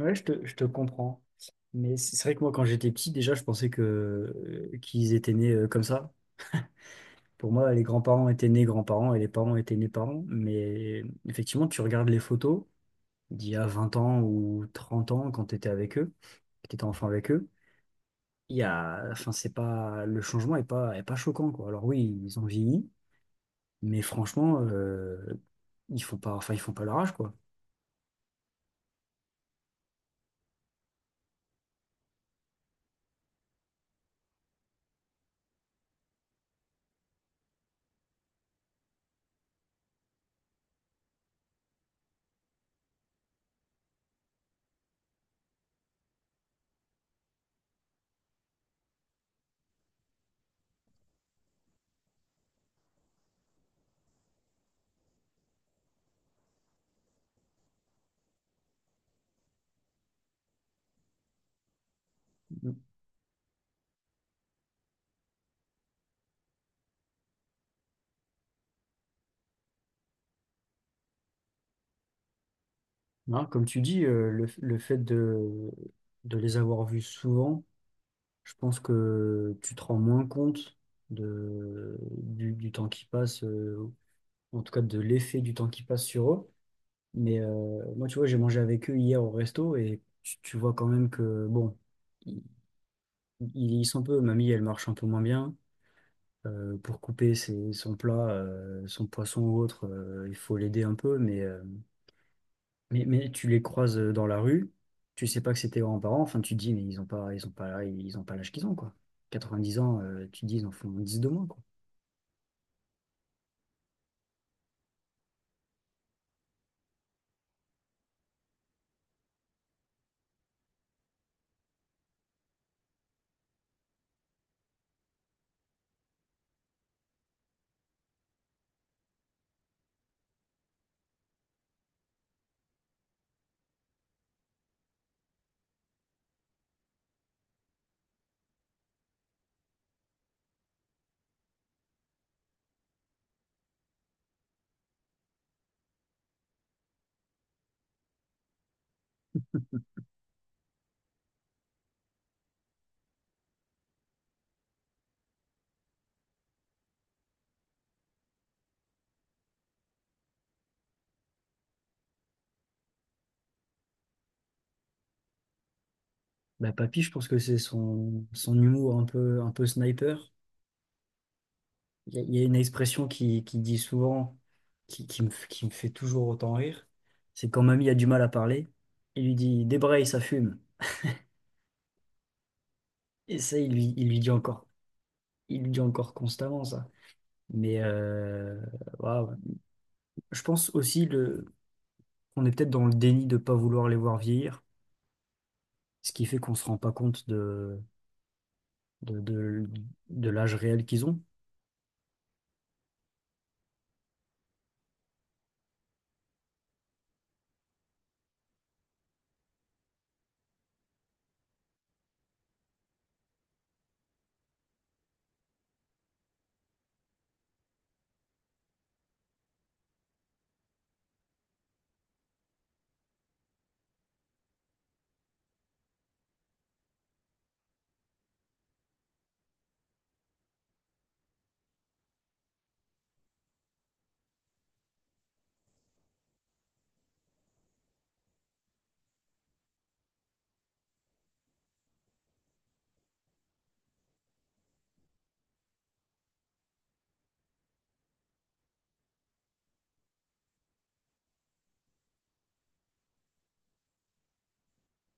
Ouais, je te comprends. Mais c'est vrai que moi, quand j'étais petit, déjà, je pensais que qu'ils étaient nés comme ça. Pour moi, les grands-parents étaient nés grands-parents et les parents étaient nés parents. Mais effectivement, tu regardes les photos d'il y a 20 ans ou 30 ans quand tu étais avec eux, que tu étais enfant avec eux. Il y a, enfin, c'est pas, le changement est pas choquant, quoi. Alors oui, ils ont vieilli, mais franchement, ils font pas, enfin, ils font pas leur âge, quoi. Hein, comme tu dis, le fait de les avoir vus souvent, je pense que tu te rends moins compte de, du temps qui passe, en tout cas de l'effet du temps qui passe sur eux. Mais moi, tu vois, j'ai mangé avec eux hier au resto et tu vois quand même que, bon, ils, ils vieillissent un peu. Mamie, elle marche un peu moins bien. Pour couper son plat, son poisson ou autre, il faut l'aider un peu. Mais, mais tu les croises dans la rue, tu sais pas que c'est tes grands-parents, enfin tu te dis mais ils ont pas ils ont pas ils ont pas l'âge qu'ils ont, quoi. 90 ans, tu te dis ils en font 10 de moins, quoi. Bah papy, je pense que c'est son, son humour un peu sniper. Il y a, il y a une expression qui dit souvent qui, qui me fait toujours autant rire, c'est quand mamie a du mal à parler, il lui dit débraye, ça fume. Et ça il lui dit encore il lui dit encore constamment ça. Mais waouh. Je pense aussi le on est peut-être dans le déni de ne pas vouloir les voir vieillir, ce qui fait qu'on ne se rend pas compte de, de, de l'âge réel qu'ils ont.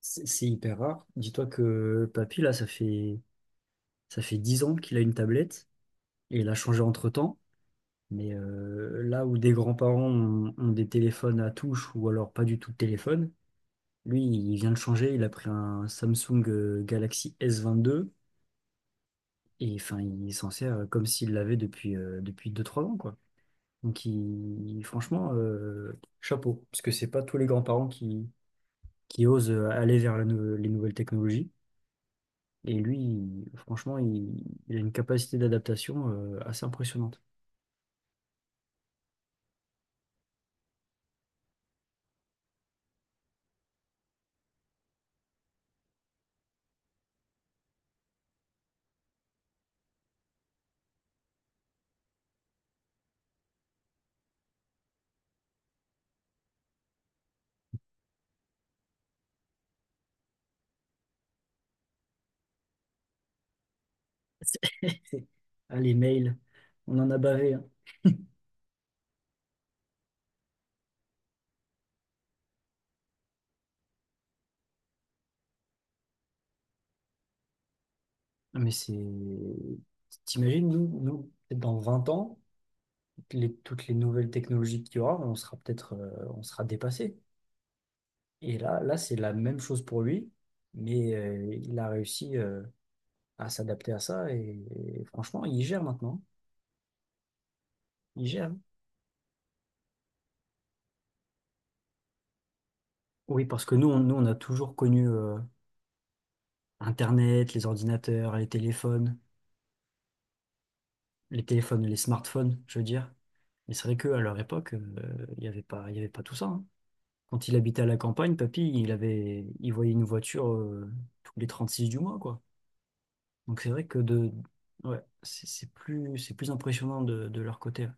C'est hyper rare. Dis-toi que papy, là, ça fait 10 ans qu'il a une tablette et il a changé entre-temps. Mais là où des grands-parents ont, ont des téléphones à touche ou alors pas du tout de téléphone, lui, il vient de changer. Il a pris un Samsung Galaxy S22 et enfin, il s'en sert comme s'il l'avait depuis, depuis 2 3 ans, quoi. Donc, franchement, chapeau, parce que c'est pas tous les grands-parents qui osent aller vers la les nouvelles technologies. Et lui, franchement, il a une capacité d'adaptation assez impressionnante. Ah, les mails, on en a bavé, hein. Ah, mais c'est. T'imagines, nous, nous, peut-être dans 20 ans, toutes les nouvelles technologies qu'il y aura, on sera peut-être on sera dépassé. Et là, là, c'est la même chose pour lui, mais il a réussi, à s'adapter à ça. Et franchement, ils gèrent maintenant. Ils gèrent. Oui, parce que nous, on, nous, on a toujours connu Internet, les ordinateurs, les téléphones, les téléphones, les smartphones, je veux dire. Mais c'est vrai qu'à leur époque, il n'y avait pas, il y avait pas tout ça, hein. Quand il habitait à la campagne, papy, il avait, il voyait une voiture tous les 36 du mois, quoi. Donc c'est vrai que de, ouais, c'est plus, c'est plus impressionnant de leur côté, ouais.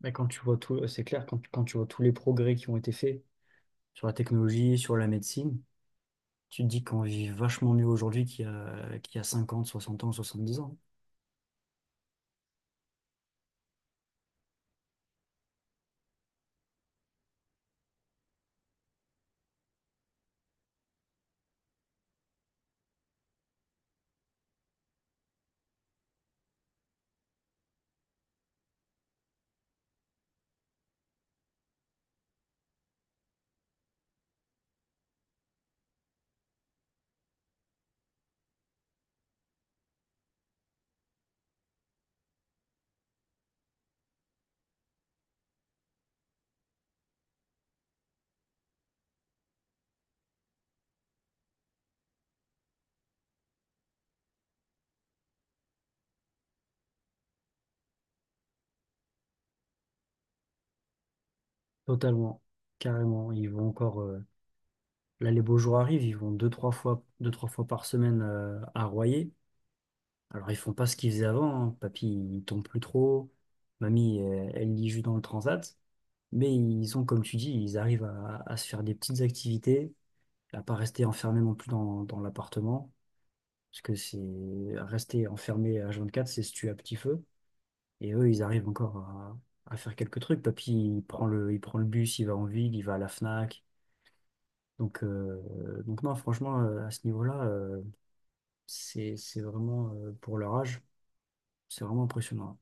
Mais quand tu vois tout, c'est clair, quand, quand tu vois tous les progrès qui ont été faits sur la technologie, sur la médecine, tu te dis qu'on vit vachement mieux aujourd'hui qu'il y a 50, 60 ans, 70 ans. Totalement, carrément. Ils vont encore, là, les beaux jours arrivent, ils vont deux, trois fois par semaine à Royer. Alors, ils font pas ce qu'ils faisaient avant, hein. Papy, il tombe plus trop. Mamie, elle, elle lit juste dans le transat. Mais ils ont, comme tu dis, ils arrivent à se faire des petites activités, à pas rester enfermés non plus dans, dans l'appartement. Parce que c'est rester enfermé à 24, c'est se tuer à petit feu. Et eux, ils arrivent encore à faire quelques trucs. Papy, il prend le bus, il va en ville, il va à la Fnac. Donc non, franchement, à ce niveau-là, c'est vraiment, pour leur âge, c'est vraiment impressionnant.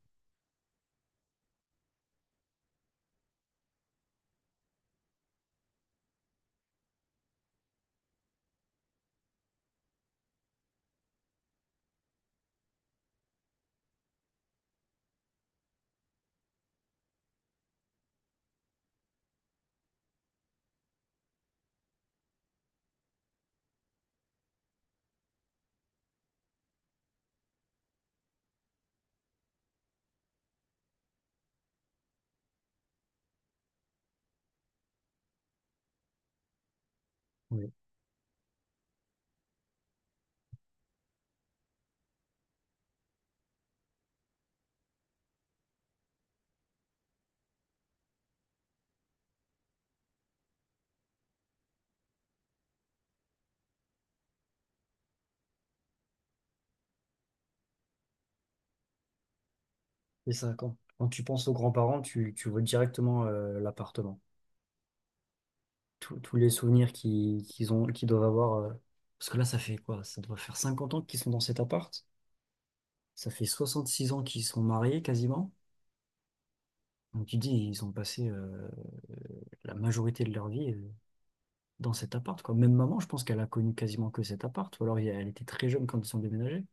Oui. Et ça, quand, quand tu penses aux grands-parents, tu vois directement l'appartement. Tous les souvenirs qu'ils ont, qu'ils doivent avoir, parce que là, ça fait quoi? Ça doit faire 50 ans qu'ils sont dans cet appart. Ça fait 66 ans qu'ils sont mariés quasiment. Donc tu dis, ils ont passé la majorité de leur vie dans cet appart, quoi. Même maman, je pense qu'elle a connu quasiment que cet appart, ou alors elle était très jeune quand ils sont déménagés.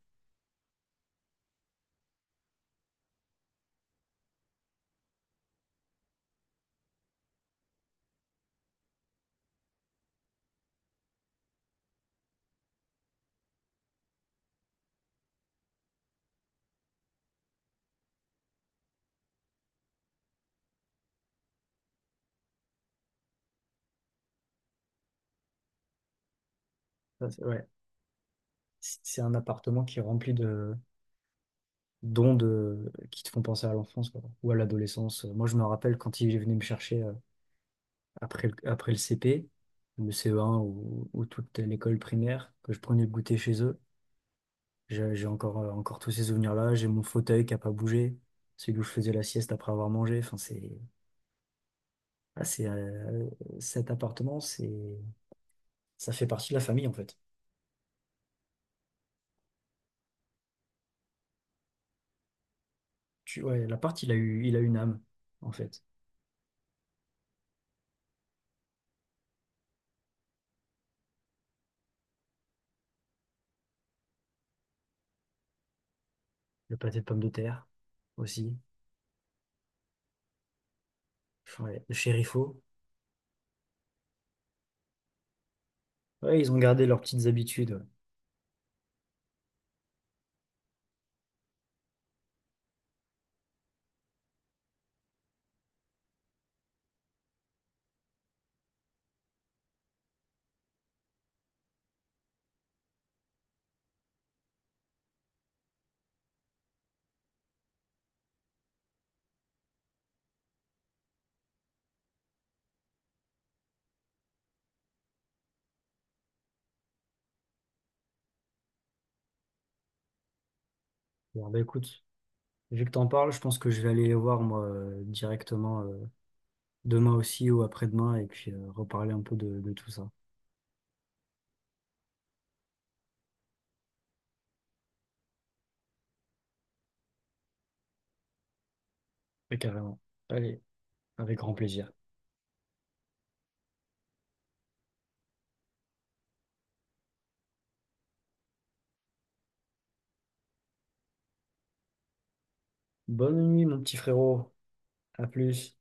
Ça, ouais. C'est un appartement qui est rempli de d'ondes qui te font penser à l'enfance, quoi, ou à l'adolescence. Moi, je me rappelle quand il venait me chercher après le CP, le CE1 ou toute l'école primaire, que je prenais le goûter chez eux. J'ai encore, encore tous ces souvenirs-là. J'ai mon fauteuil qui n'a pas bougé, celui où je faisais la sieste après avoir mangé. Enfin, c'est ah, c'est, cet appartement, c'est, ça fait partie de la famille en fait. Tu, ouais, l'appart, il a eu, il a une âme en fait. Le pâté de pommes de terre aussi. Ouais, le chérifo. Ouais, ils ont gardé leurs petites habitudes. Ouais. Bon, bah écoute, vu que t'en parles, je pense que je vais aller les voir moi directement demain aussi ou après-demain et puis reparler un peu de tout ça. Ouais, carrément. Allez, avec grand plaisir. Bonne nuit, mon petit frérot. À plus.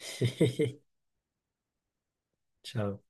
Ciao.